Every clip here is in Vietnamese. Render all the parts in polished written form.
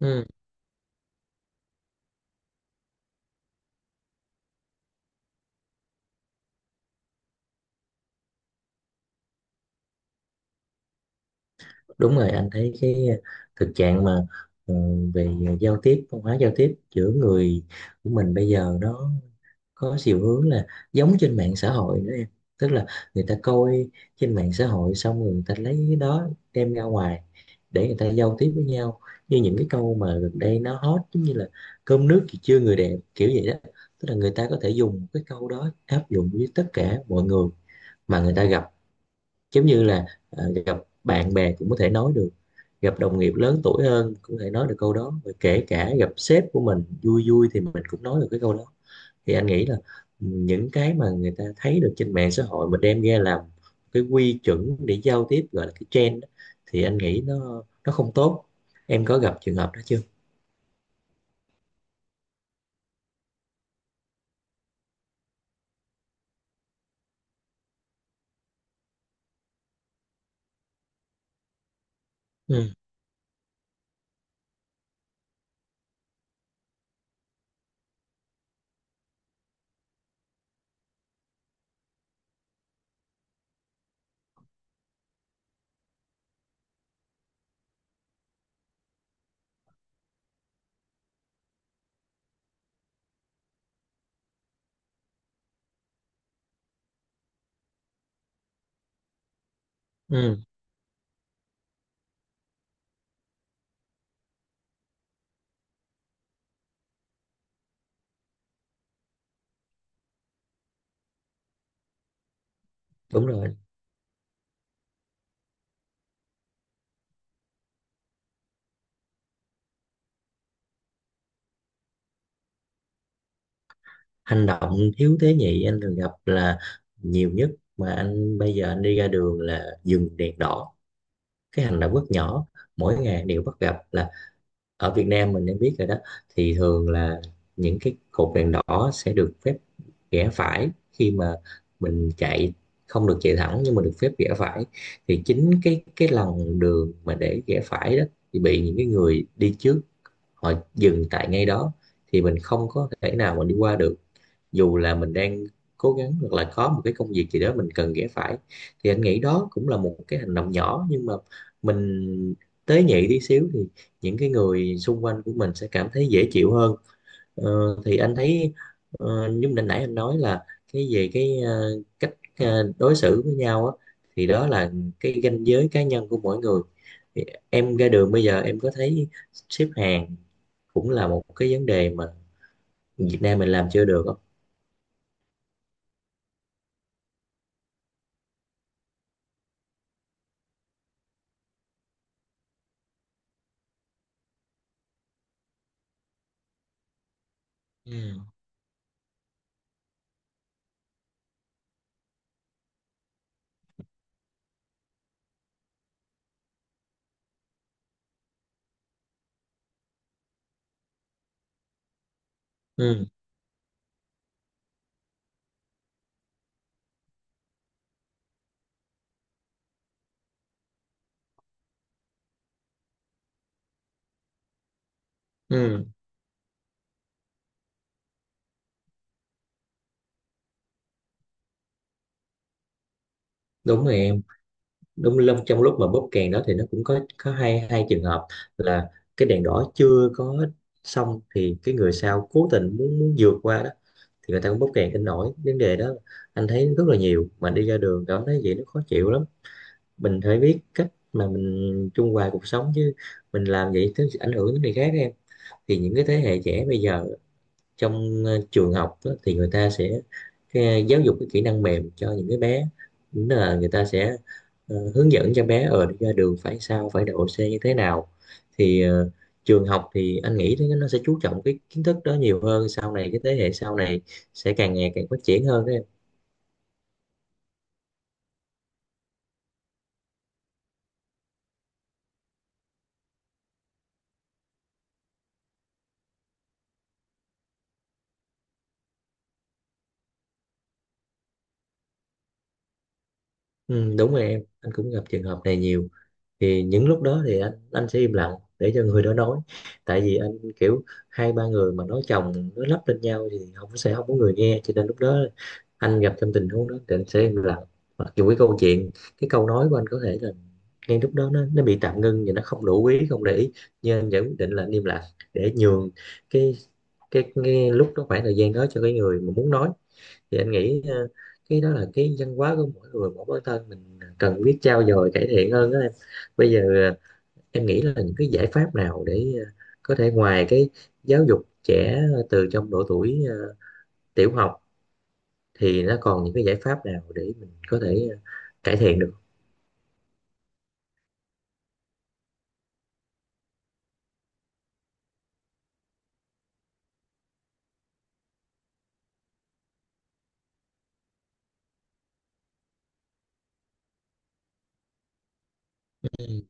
Ừ, đúng rồi, anh thấy cái thực trạng mà, ừ, về giao tiếp, văn hóa giao tiếp giữa người của mình bây giờ nó có chiều hướng là giống trên mạng xã hội nữa em. Tức là người ta coi trên mạng xã hội xong rồi người ta lấy cái đó đem ra ngoài để người ta giao tiếp với nhau, như những cái câu mà gần đây nó hot giống như là cơm nước thì chưa người đẹp kiểu vậy đó. Tức là người ta có thể dùng cái câu đó áp dụng với tất cả mọi người mà người ta gặp, giống như là gặp bạn bè cũng có thể nói được, gặp đồng nghiệp lớn tuổi hơn cũng có thể nói được câu đó, và kể cả gặp sếp của mình vui vui thì mình cũng nói được cái câu đó. Thì anh nghĩ là những cái mà người ta thấy được trên mạng xã hội mà đem ra làm cái quy chuẩn để giao tiếp, gọi là cái trend đó, thì anh nghĩ nó không tốt. Em có gặp trường hợp đó chưa? ừ, ừ, Đúng rồi. Hành động thiếu tế nhị anh thường gặp là nhiều nhất, mà anh bây giờ anh đi ra đường là dừng đèn đỏ. Cái hành động rất nhỏ mỗi ngày đều bắt gặp là, ở Việt Nam mình nên biết rồi đó, thì thường là những cái cột đèn đỏ sẽ được phép rẽ phải, khi mà mình chạy không được chạy thẳng nhưng mà được phép rẽ phải. Thì chính cái lòng đường mà để rẽ phải đó thì bị những cái người đi trước họ dừng tại ngay đó, thì mình không có thể nào mà đi qua được, dù là mình đang cố gắng hoặc là có một cái công việc gì đó mình cần ghé phải. Thì anh nghĩ đó cũng là một cái hành động nhỏ, nhưng mà mình tế nhị tí xíu thì những cái người xung quanh của mình sẽ cảm thấy dễ chịu hơn. ờ, thì anh thấy giống như mình nãy anh nói là cái về cái cách đối xử với nhau á, thì đó là cái ranh giới cá nhân của mỗi người. Thì em ra đường bây giờ em có thấy xếp hàng cũng là một cái vấn đề mà Việt Nam mình làm chưa được không? Ừ. ừ Ừ, đúng rồi em. Đúng lúc trong lúc mà bóp kèn đó thì nó cũng có hai hai trường hợp, là cái đèn đỏ chưa có xong thì cái người sau cố tình muốn muốn vượt qua đó, thì người ta cũng bóp kèn kinh nổi vấn đề đó. Anh thấy rất là nhiều, mà đi ra đường cảm thấy vậy nó khó chịu lắm. Mình phải biết cách mà mình trung hòa cuộc sống chứ, mình làm vậy tới ảnh hưởng đến người khác em. Thì những cái thế hệ trẻ bây giờ trong trường học á, thì người ta sẽ giáo dục cái kỹ năng mềm cho những cái bé. Đúng là người ta sẽ hướng dẫn cho bé ở ra đường phải sao, phải độ xe như thế nào. Thì trường học thì anh nghĩ nó sẽ chú trọng cái kiến thức đó nhiều hơn, sau này cái thế hệ sau này sẽ càng ngày càng phát triển hơn đó em. Ừ, đúng rồi em, anh cũng gặp trường hợp này nhiều. Thì những lúc đó thì anh sẽ im lặng để cho người đó nói. Tại vì anh kiểu, hai ba người mà nói chồng nói lắp lên nhau thì không sẽ không có người nghe, cho nên lúc đó anh gặp trong tình huống đó thì anh sẽ im lặng. Mặc dù cái câu chuyện, cái câu nói của anh có thể là ngay lúc đó nó bị tạm ngưng và nó không đủ quý không để ý, nhưng anh vẫn quyết định là anh im lặng, để nhường cái cái lúc đó, khoảng thời gian đó cho cái người mà muốn nói. Thì anh nghĩ cái đó là cái văn hóa của mỗi người, mỗi bản thân mình cần biết trau dồi cải thiện hơn đó em. Bây giờ ờ, em nghĩ là những cái giải pháp nào để có thể ngoài cái giáo dục trẻ từ trong độ tuổi tiểu học, thì nó còn những cái giải pháp nào để mình có thể cải thiện được? Ừ.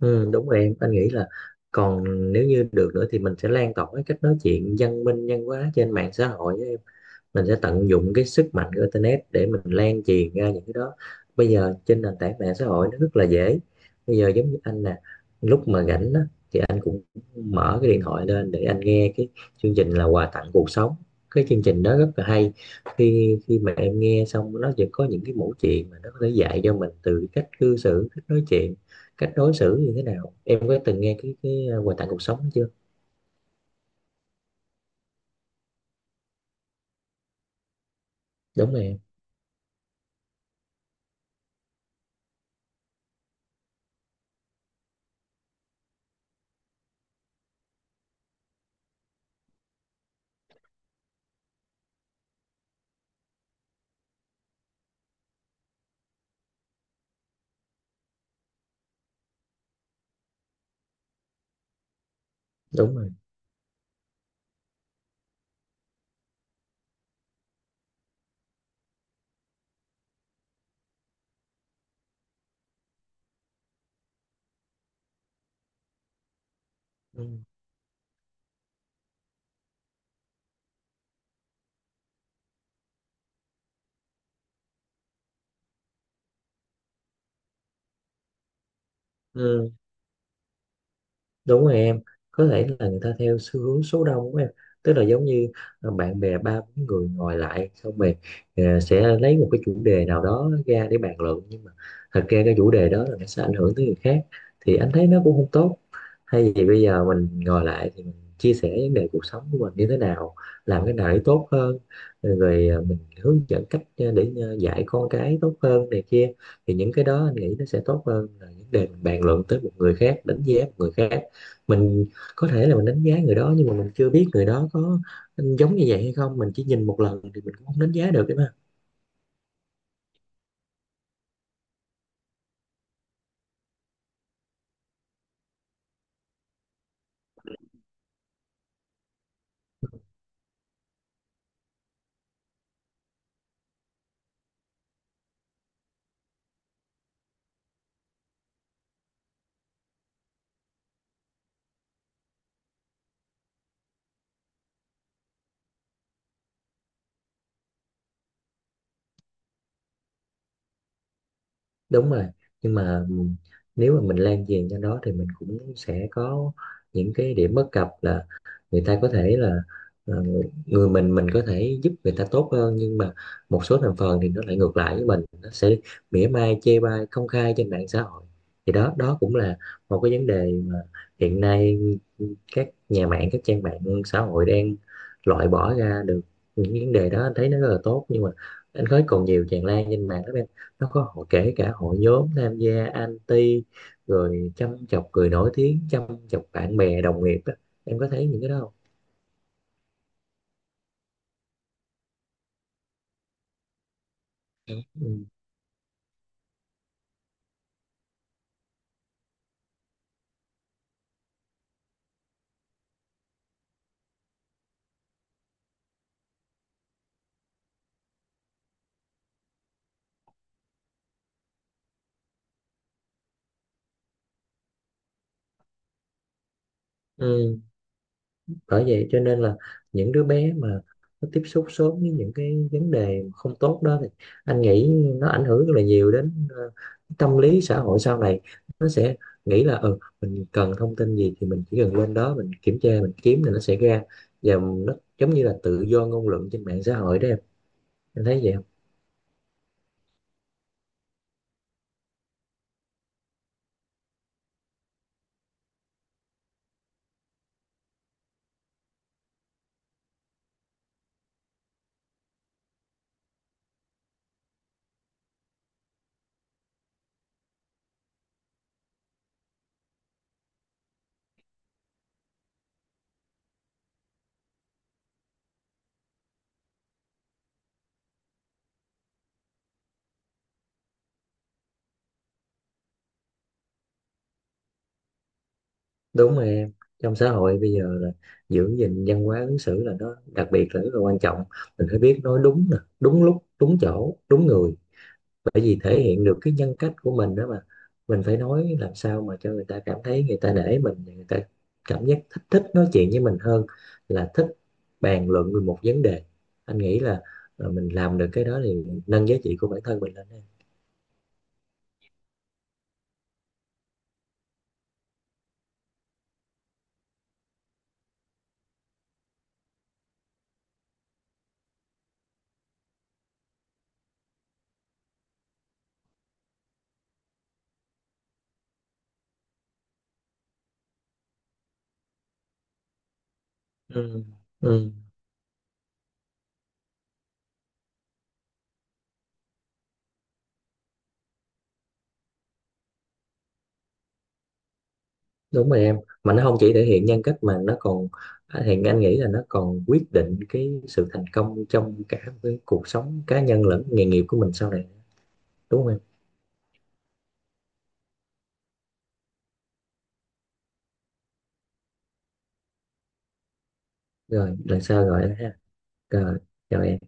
ừ, Đúng rồi em, anh nghĩ là còn, nếu như được nữa thì mình sẽ lan tỏa cái cách nói chuyện văn minh văn hóa trên mạng xã hội á em. Mình sẽ tận dụng cái sức mạnh của internet để mình lan truyền ra những cái đó. Bây giờ trên nền tảng mạng xã hội nó rất là dễ. Bây giờ giống như anh nè, lúc mà rảnh á, thì anh cũng mở cái điện thoại lên để anh nghe cái chương trình là quà tặng cuộc sống. Cái chương trình đó rất là hay, khi khi mà em nghe xong nó vẫn có những cái mẫu chuyện mà nó có thể dạy cho mình từ cách cư xử, cách nói chuyện, cách đối xử như thế nào. Em có từng nghe cái quà tặng cuộc sống chưa? Đúng rồi em. Đúng rồi. ừ. Ừ. Đúng rồi em. Có thể là người ta theo xu hướng số đông của em, tức là giống như bạn bè ba bốn người ngồi lại xong rồi sẽ lấy một cái chủ đề nào đó ra để bàn luận, nhưng mà thật ra cái chủ đề đó là nó sẽ ảnh hưởng tới người khác, thì anh thấy nó cũng không tốt. Hay vì bây giờ mình ngồi lại thì mình chia sẻ vấn đề cuộc sống của mình như thế nào, làm cái nào để tốt hơn, rồi mình hướng dẫn cách để dạy con cái tốt hơn này kia. Thì những cái đó anh nghĩ nó sẽ tốt hơn là những đề mình bàn luận tới một người khác, đánh giá một người khác. Mình có thể là mình đánh giá người đó nhưng mà mình chưa biết người đó có giống như vậy hay không, mình chỉ nhìn một lần thì mình cũng không đánh giá được đấy mà. Đúng rồi, nhưng mà nếu mà mình lan truyền cho nó thì mình cũng sẽ có những cái điểm bất cập, là người ta có thể là ờ, người mình có thể giúp người ta tốt hơn, nhưng mà một số thành phần thì nó lại ngược lại với mình, nó sẽ mỉa mai chê bai công khai trên mạng xã hội. Thì đó đó cũng là một cái vấn đề mà hiện nay các nhà mạng, các trang mạng xã hội đang loại bỏ ra được những vấn đề đó, anh thấy nó rất là tốt, nhưng mà anh thấy còn nhiều tràn lan trên mạng lắm em. Nó có hội, kể cả hội nhóm tham gia anti rồi châm chọc người nổi tiếng, châm chọc bạn bè đồng nghiệp á. Em có thấy những cái đó không? ừ. Ừ. Bởi vậy cho nên là những đứa bé mà nó tiếp xúc sớm với những cái vấn đề không tốt đó, thì anh nghĩ nó ảnh hưởng rất là nhiều đến tâm lý xã hội sau này. Nó sẽ nghĩ là, ừ, mình cần thông tin gì thì mình chỉ cần lên đó mình kiểm tra, mình kiếm thì nó sẽ ra. Và nó giống như là tự do ngôn luận trên mạng xã hội đó em. Em thấy vậy không? Đúng rồi em. Trong xã hội bây giờ là giữ gìn văn hóa ứng xử là nó đặc biệt là rất là quan trọng. Mình phải biết nói đúng nè, đúng lúc, đúng chỗ, đúng người, bởi vì thể hiện được cái nhân cách của mình đó mà. Mình phải nói làm sao mà cho người ta cảm thấy người ta nể mình, người ta cảm giác thích thích nói chuyện với mình hơn là thích bàn luận về một vấn đề. Anh nghĩ là mình làm được cái đó thì nâng giá trị của bản thân mình lên em. ừ. Ừ. Đúng rồi em, mà nó không chỉ thể hiện nhân cách mà nó còn, thì anh nghĩ là nó còn quyết định cái sự thành công trong cả cái cuộc sống cá nhân lẫn nghề nghiệp của mình sau này, đúng không em? Rồi lần sau gọi anh ha. Rồi, chào em.